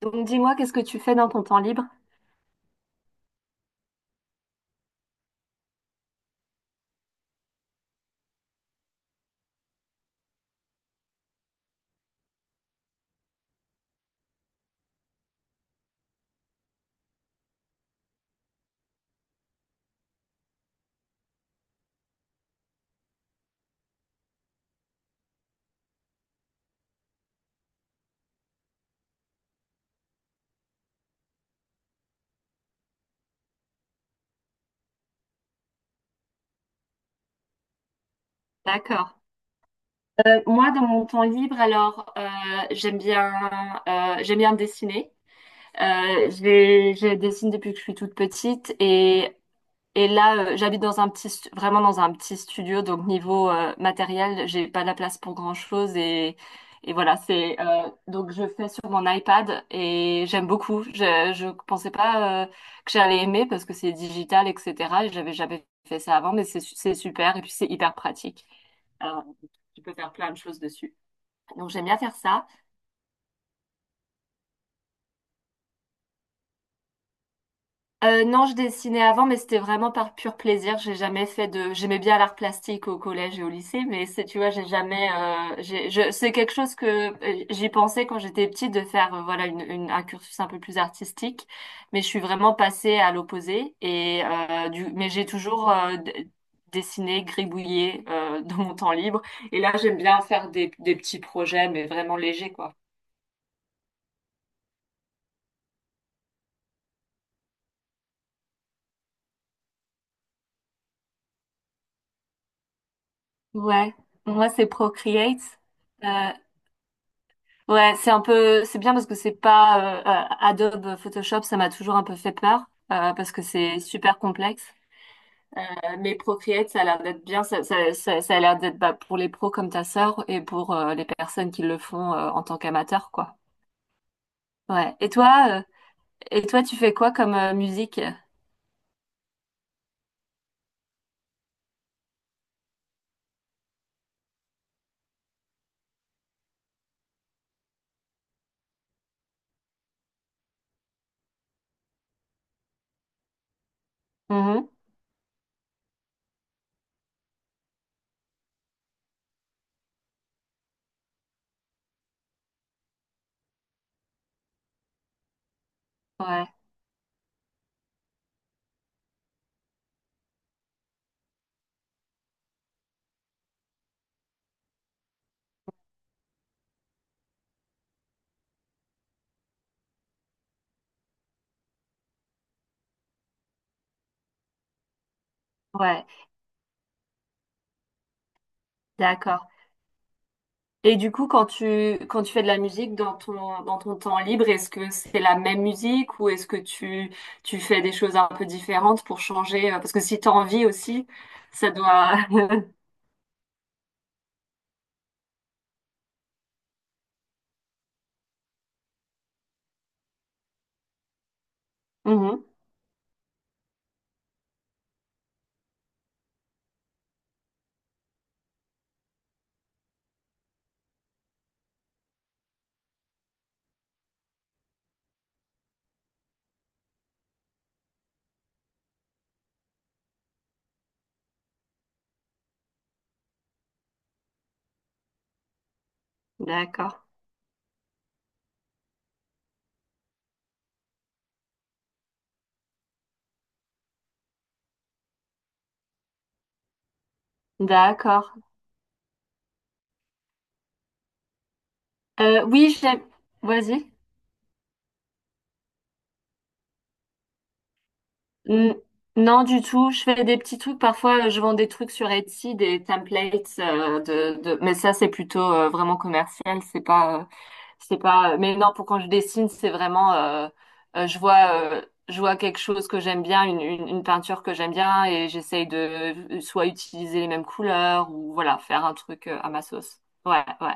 Donc dis-moi, qu'est-ce que tu fais dans ton temps libre? D'accord. Moi, dans mon temps libre, alors, j'aime bien, j'aime bien dessiner. Je dessine depuis que je suis toute petite et là, j'habite dans un petit, vraiment dans un petit studio, donc niveau matériel, j'ai pas la place pour grand-chose et voilà, c'est donc je fais sur mon iPad et j'aime beaucoup. Je pensais pas que j'allais aimer parce que c'est digital, etc. Et j'avais jamais fait ça avant, mais c'est super et puis c'est hyper pratique. Alors, tu peux faire plein de choses dessus. Donc j'aime bien faire ça. Non, je dessinais avant, mais c'était vraiment par pur plaisir. J'ai jamais fait de. J'aimais bien l'art plastique au collège et au lycée, mais c'est, tu vois, j'ai jamais. C'est quelque chose que j'y pensais quand j'étais petite de faire, voilà, un cursus un peu plus artistique, mais je suis vraiment passée à l'opposé. Mais j'ai toujours dessiné, gribouillé dans mon temps libre. Et là, j'aime bien faire des petits projets, mais vraiment légers, quoi. Ouais, moi, c'est Procreate. Euh, Ouais, c'est un peu, c'est bien parce que c'est pas Adobe Photoshop, ça m'a toujours un peu fait peur parce que c'est super complexe. Mais Procreate, ça a l'air d'être bien, ça a l'air d'être bah, pour les pros comme ta sœur et pour les personnes qui le font en tant qu'amateurs, quoi. Ouais. Et toi, tu fais quoi comme musique? Mhm. Ouais, ouais, d'accord. Et du coup, quand tu fais de la musique dans ton temps libre, est-ce que c'est la même musique ou est-ce que tu fais des choses un peu différentes pour changer? Parce que si t'as envie aussi, ça doit... Mhm. D'accord. D'accord. Oui, j'aime... Vas-y. N- Non, du tout. Je fais des petits trucs. Parfois, je vends des trucs sur Etsy, des templates, mais ça, c'est plutôt vraiment commercial. C'est pas. C'est pas. Mais non, pour quand je dessine, c'est vraiment. Euh, je vois, euh, je vois quelque chose que j'aime bien, une peinture que j'aime bien, et j'essaye de soit utiliser les mêmes couleurs ou voilà, faire un truc à ma sauce. Ouais, ouais.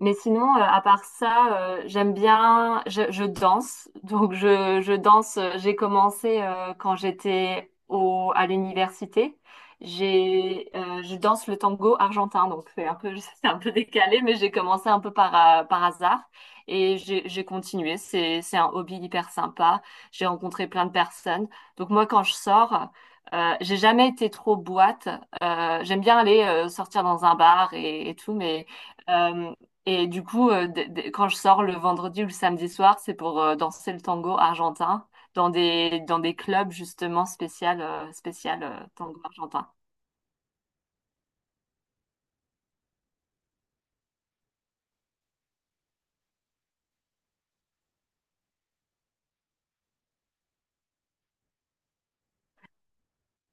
Mais sinon, à part ça, j'aime bien, je danse. Donc, je danse. J'ai commencé quand j'étais à l'université. Je danse le tango argentin. Donc, c'est un peu, c'est un peu décalé, mais j'ai commencé un peu par hasard et j'ai continué. C'est un hobby hyper sympa. J'ai rencontré plein de personnes. Donc, moi, quand je sors, j'ai jamais été trop boîte. J'aime bien aller sortir dans un bar et tout, mais euh, et du coup, quand je sors le vendredi ou le samedi soir, c'est pour danser le tango argentin dans des clubs justement spécial tango argentin.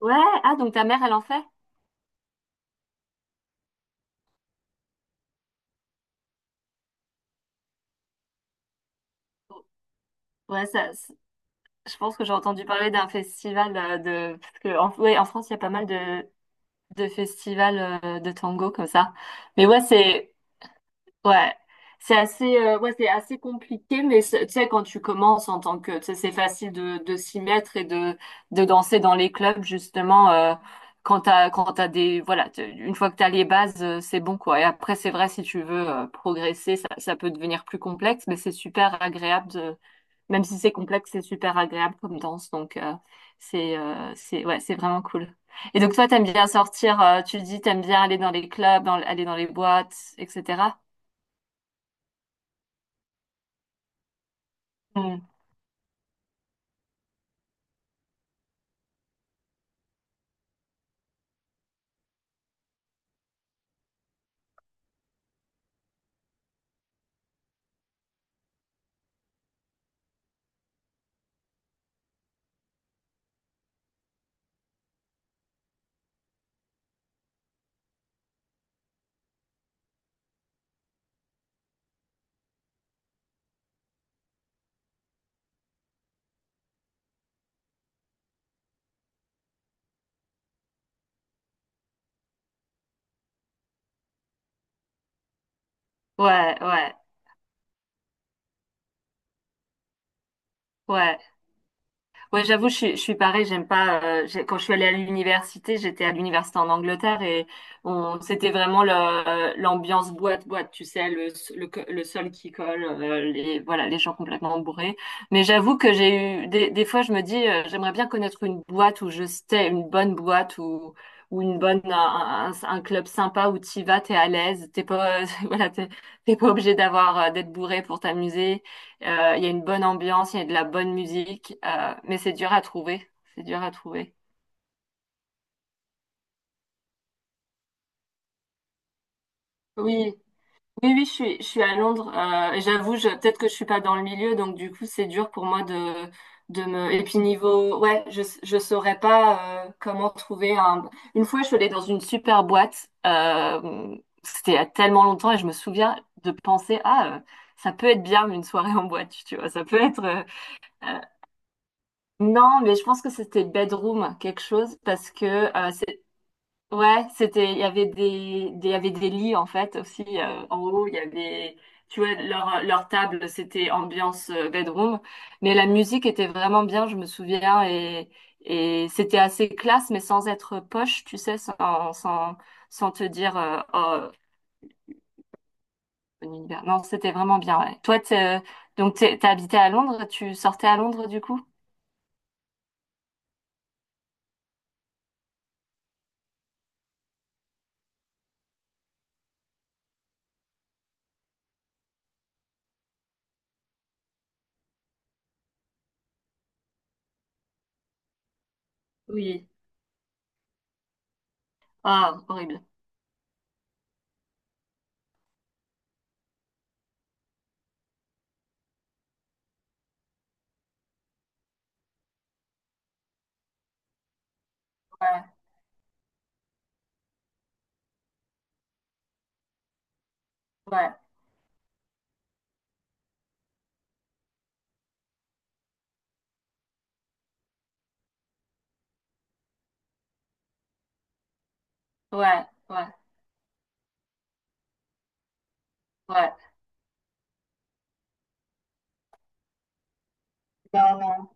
Ouais, ah donc ta mère, elle en fait? Ouais, je pense que j'ai entendu parler d'un festival de... Parce que en, ouais, en France, il y a pas mal de festivals de tango comme ça. Mais Ouais, ouais, c'est assez compliqué, mais tu sais, quand tu commences en tant que, tu sais, c'est facile de s'y mettre et de danser dans les clubs, justement, quand t'as des, voilà, une fois que t'as les bases, c'est bon, quoi. Et après, c'est vrai, si tu veux, progresser, ça peut devenir plus complexe, mais c'est super agréable de, même si c'est complexe, c'est super agréable comme danse, donc, c'est, ouais, c'est vraiment cool. Et donc, toi, t'aimes bien sortir, tu dis, t'aimes bien aller dans les clubs, aller dans les boîtes, etc. Ouais, ouais, ouais. Ouais, j'avoue, je suis pareil, j'aime pas. Quand je suis allée à l'université, j'étais à l'université en Angleterre et c'était vraiment l'ambiance boîte-boîte, tu sais, le sol qui colle, les, voilà, les gens complètement bourrés. Mais j'avoue que j'ai eu. Des fois, je me dis, j'aimerais bien connaître une boîte où je stay, une bonne boîte ou une bonne un club sympa où t'y vas, t'es à l'aise, t'es pas voilà, t'es pas obligé d'avoir d'être bourré pour t'amuser. Il y a une bonne ambiance, il y a de la bonne musique, mais c'est dur à trouver. C'est dur à trouver. Oui, oui, oui, je suis à Londres. Et j'avoue, peut-être que je suis pas dans le milieu, donc du coup, c'est dur pour moi de me. Et puis niveau, ouais, je saurais pas comment trouver un. Une fois, je suis allée dans une super boîte. C'était il y a tellement longtemps et je me souviens de penser, ah, ça peut être bien une soirée en boîte, tu vois. Ça peut être. Euh, non, mais je pense que c'était bedroom quelque chose parce que c'est ouais, c'était, il y avait des lits en fait aussi en haut. Il y avait, tu vois, leur table, c'était ambiance bedroom, mais la musique était vraiment bien, je me souviens, et c'était assez classe, mais sans être poche, tu sais, sans te dire oh, un univers. Non, c'était vraiment bien. Ouais. Toi, donc t'as habité à Londres, tu sortais à Londres du coup? Oui. Ah, horrible. Ouais, ouais, ouais, ouais, ouais. Non, non.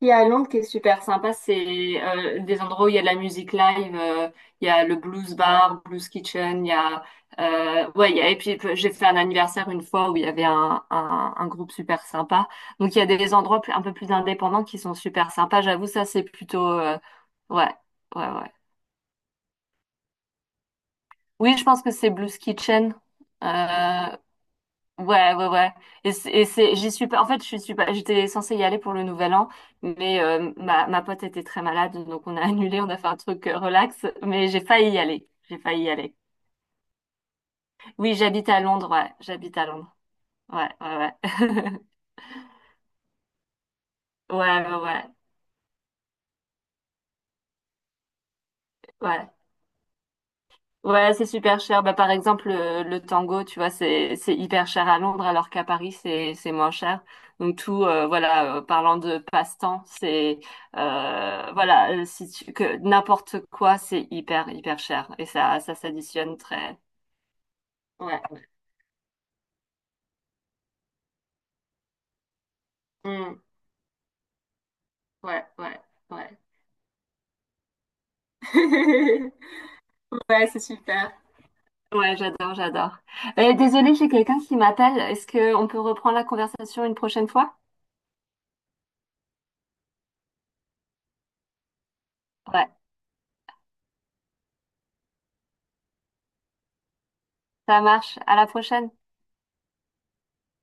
Il y a à Londres qui est super sympa, c'est des endroits où il y a de la musique live, il y a le blues bar, blues kitchen, il y a ouais, il y a, et puis j'ai fait un anniversaire une fois où il y avait un groupe super sympa. Donc il y a des endroits un peu plus indépendants qui sont super sympas. J'avoue, ça c'est plutôt ouais, ouais, ouais. Oui, je pense que c'est Blues Kitchen. Euh, Ouais, ouais, ouais. J'y suis pas. En fait, je suis pas. J'étais censée y aller pour le Nouvel An, mais ma pote était très malade, donc on a annulé. On a fait un truc relax, mais j'ai failli y aller. J'ai failli y aller. Oui, j'habite à Londres. Ouais, j'habite à Londres. Ouais, ouais, ouais. Ouais, ouais, ouais. Ouais. Ouais, c'est super cher. Bah, par exemple, le tango, tu vois, c'est hyper cher à Londres, alors qu'à Paris, c'est moins cher. Donc tout, voilà, parlant de passe-temps, c'est voilà, si tu, que n'importe quoi, c'est hyper hyper cher et ça s'additionne très. Ouais. Mm. Ouais, ouais, ouais. Ouais, c'est super. Ouais, j'adore, j'adore. Désolée, j'ai quelqu'un qui m'appelle. Est-ce que on peut reprendre la conversation une prochaine fois? Ouais, ça marche. À la prochaine.